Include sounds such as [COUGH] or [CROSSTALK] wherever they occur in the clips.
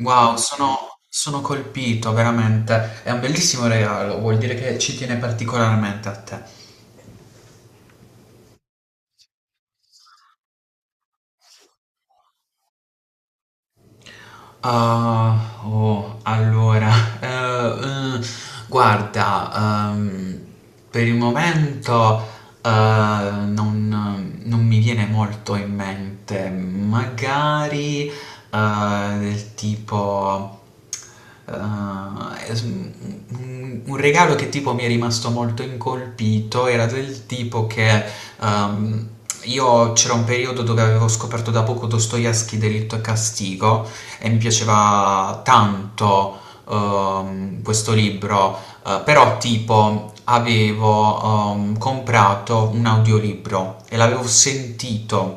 Wow, sono colpito veramente. È un bellissimo regalo, vuol dire che ci tiene particolarmente a te. Ah, oh, allora, eh, eh, guarda, ehm, per il momento. Non mi viene molto in mente, magari del tipo eh, es- un un regalo che tipo mi è rimasto molto incolpito era del tipo che ehm, io c'era un periodo dove avevo scoperto da poco Dostoevsky, Delitto e Castigo, e mi piaceva tanto questo libro. Però tipo avevo comprato un audiolibro e l'avevo sentito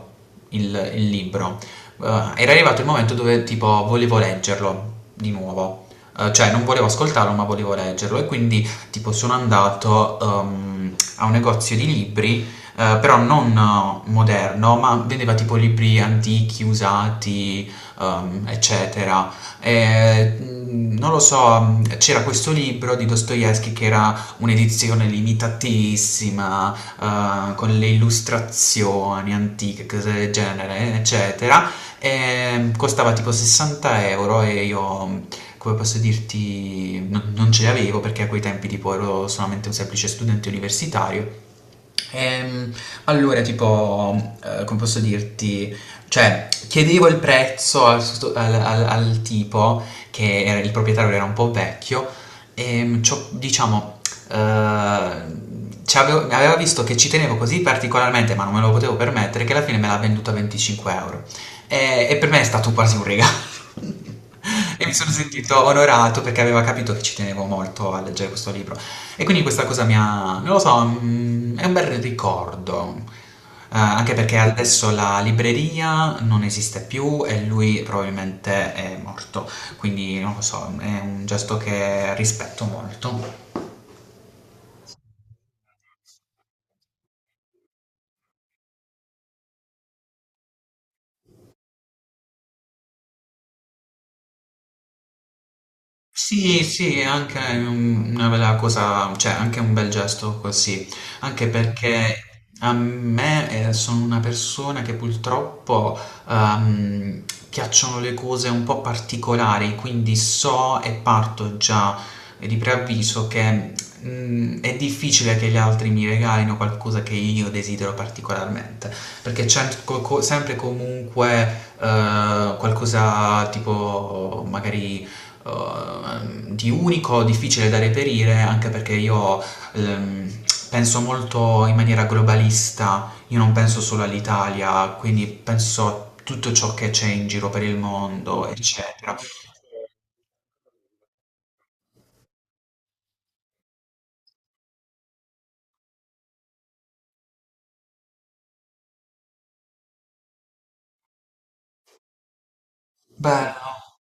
il libro. Eh, Era arrivato il momento dove tipo volevo leggerlo di nuovo. Cioè non volevo ascoltarlo ma volevo leggerlo, e quindi tipo sono andato a un negozio di libri, però non moderno, ma vendeva tipo libri antichi, usati, eccetera. eh, Non lo so, c'era questo libro di Dostoevsky che era un'edizione limitatissima, con le illustrazioni antiche, cose del genere, eccetera. E costava tipo 60 euro e io, come posso dirti, non ce l'avevo perché a quei tempi tipo ero solamente un semplice studente universitario. Ehm, allora, tipo, come posso dirti? Cioè, chiedevo il prezzo al, sost- al- al- al tipo, che era, il proprietario era un po' vecchio, e diciamo, eh, aveva visto che ci tenevo così particolarmente, ma non me lo potevo permettere, che alla fine me l'ha venduto a 25 euro. E per me è stato quasi un regalo. [LAUGHS] E mi sono sentito onorato perché aveva capito che ci tenevo molto a leggere questo libro. E quindi questa cosa mi ha, non lo so, mm, è un bel ricordo. Anche perché adesso la libreria non esiste più e lui probabilmente è morto, quindi non lo so, è un gesto che rispetto molto. Sì, sì, è anche una bella cosa, cioè anche un bel gesto così, anche perché a me sono una persona che purtroppo ehm, piacciono le cose un po' particolari, quindi so e parto già di preavviso che mm, è difficile che gli altri mi regalino qualcosa che io desidero particolarmente, perché c'è sempre comunque qualcosa tipo magari di unico, difficile da reperire, anche perché io ehm, penso molto in maniera globalista, io non penso solo all'Italia, quindi penso a tutto ciò che c'è in giro per il mondo, eccetera. Bello.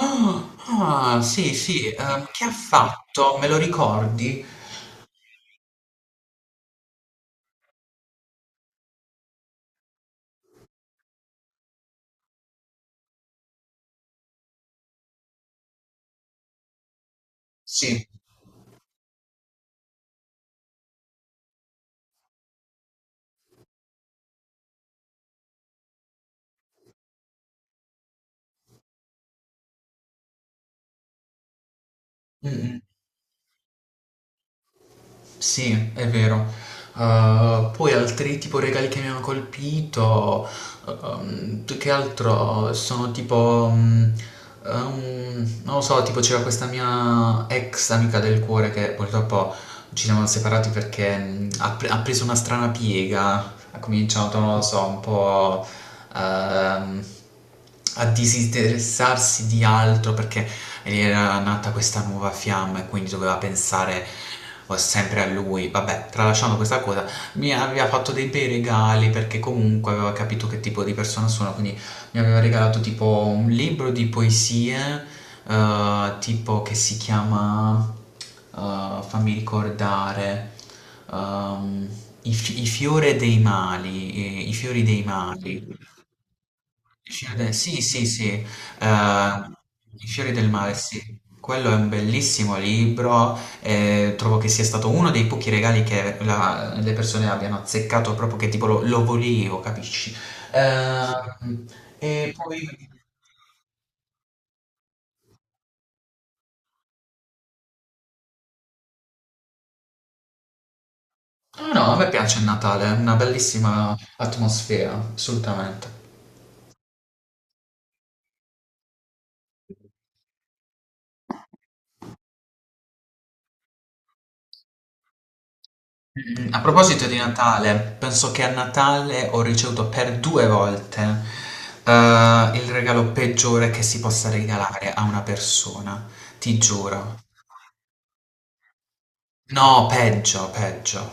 Ah, ah, sì, sì, che ha fatto? Me lo ricordi? Sì. Mm, mm. Sì, è vero. Poi altri tipo regali che mi hanno colpito, più che altro sono tipo, non lo so, tipo c'era questa mia ex amica del cuore che purtroppo ci siamo separati perché mm, ha preso una strana piega, ha cominciato, non lo so, un po' ehm, a disinteressarsi di altro perché gli era nata questa nuova fiamma e quindi doveva pensare sempre a lui. Vabbè, tralasciando questa cosa, mi aveva fatto dei bei regali perché comunque aveva capito che tipo di persona sono, quindi mi aveva regalato tipo un libro di poesie, tipo, che si chiama, fammi ricordare, ehm, I, i fiori dei mali, i fiori dei mali. I Fiori del. Sì, sì, sì, I fiori del mare, sì. Quello è un bellissimo libro, trovo che sia stato uno dei pochi regali che le persone abbiano azzeccato, proprio che tipo lo volevo, capisci? Eh, e poi... No, no, a me piace il Natale, è una bellissima atmosfera, assolutamente. Mm, a proposito di Natale, penso che a Natale ho ricevuto per due volte il regalo peggiore che si possa regalare a una persona, ti giuro. No, peggio, peggio.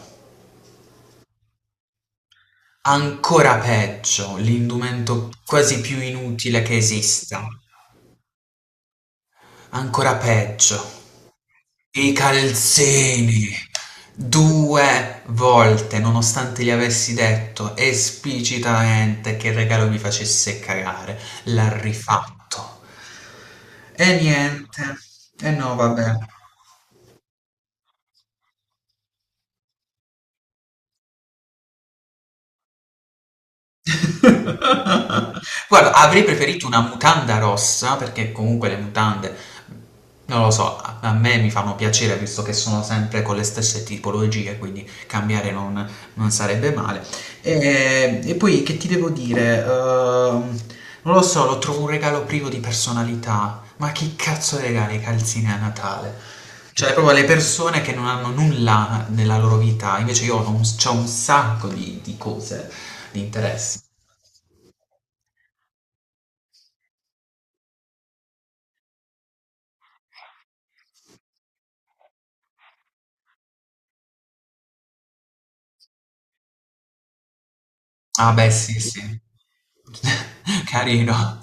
Ancora peggio, l'indumento quasi più inutile che esista. Ancora peggio. I calzini! Due volte, nonostante gli avessi detto esplicitamente che il regalo mi facesse cagare, l'ha rifatto. E niente. E no, vabbè. [LAUGHS] Guarda, avrei preferito una mutanda rossa, perché comunque le mutande, non lo so, a me mi fanno piacere visto che sono sempre con le stesse tipologie, quindi cambiare non, non sarebbe male. E poi che ti devo dire? Non lo so, lo trovo un regalo privo di personalità. Ma che cazzo regala i calzini a Natale? Cioè, proprio le persone che non hanno nulla nella loro vita, invece io ho un, c'ho un sacco di cose, di interessi. Ah beh, sì, sì. [LAUGHS] Carino.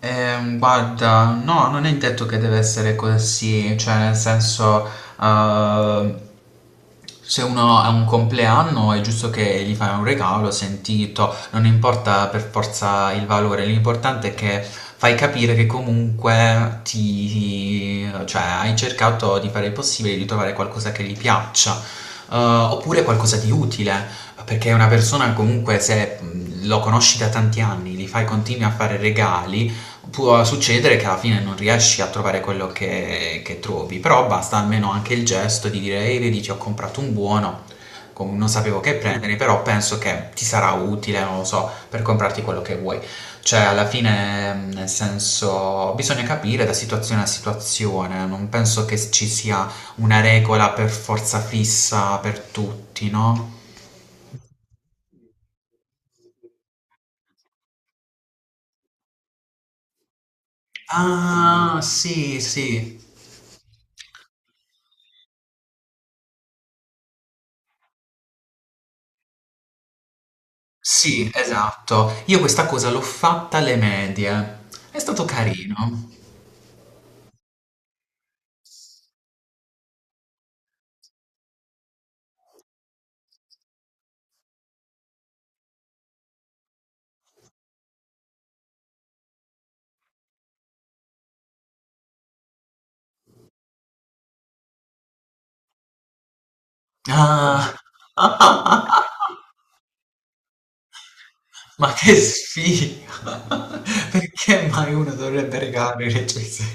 Guarda, no, non è detto che deve essere così, cioè nel senso, eh, se uno ha un compleanno è giusto che gli fai un regalo sentito, non importa per forza il valore, l'importante è che fai capire che comunque ti, cioè, hai cercato di fare il possibile di trovare qualcosa che gli piaccia, oppure qualcosa di utile. Perché una persona comunque se lo conosci da tanti anni, gli fai continui a fare regali, può succedere che alla fine non riesci a trovare quello che trovi, però basta almeno anche il gesto di dire, ehi, vedi, ti ho comprato un buono, non sapevo che prendere, però penso che ti sarà utile, non lo so, per comprarti quello che vuoi. Cioè, alla fine, nel senso, bisogna capire da situazione a situazione, non penso che ci sia una regola per forza fissa per tutti, no? Ah, sì, sì. Sì, esatto. Io questa cosa l'ho fatta alle medie. È stato carino. Ah. [LAUGHS] Ma che sfiga! [LAUGHS] Perché mai uno dovrebbe regalare le recensioni?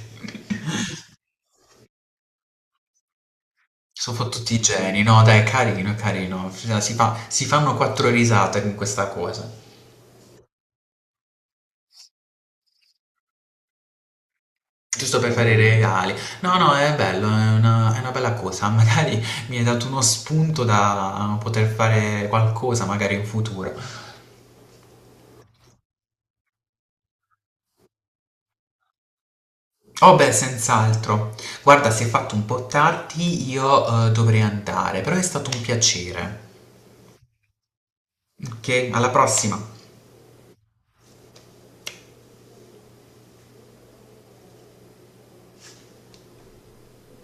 Sono fottuti tutti i geni, no? Dai, è carino, è carino. Cioè, si fanno quattro risate con questa cosa. Giusto per fare i regali. No, no, è bello, è una bella cosa. [LAUGHS] Magari mi hai dato uno spunto da poter fare qualcosa, magari in futuro. Oh beh, senz'altro. Guarda, si è fatto un po' tardi, io dovrei andare, però è stato un piacere. Ok, alla prossima.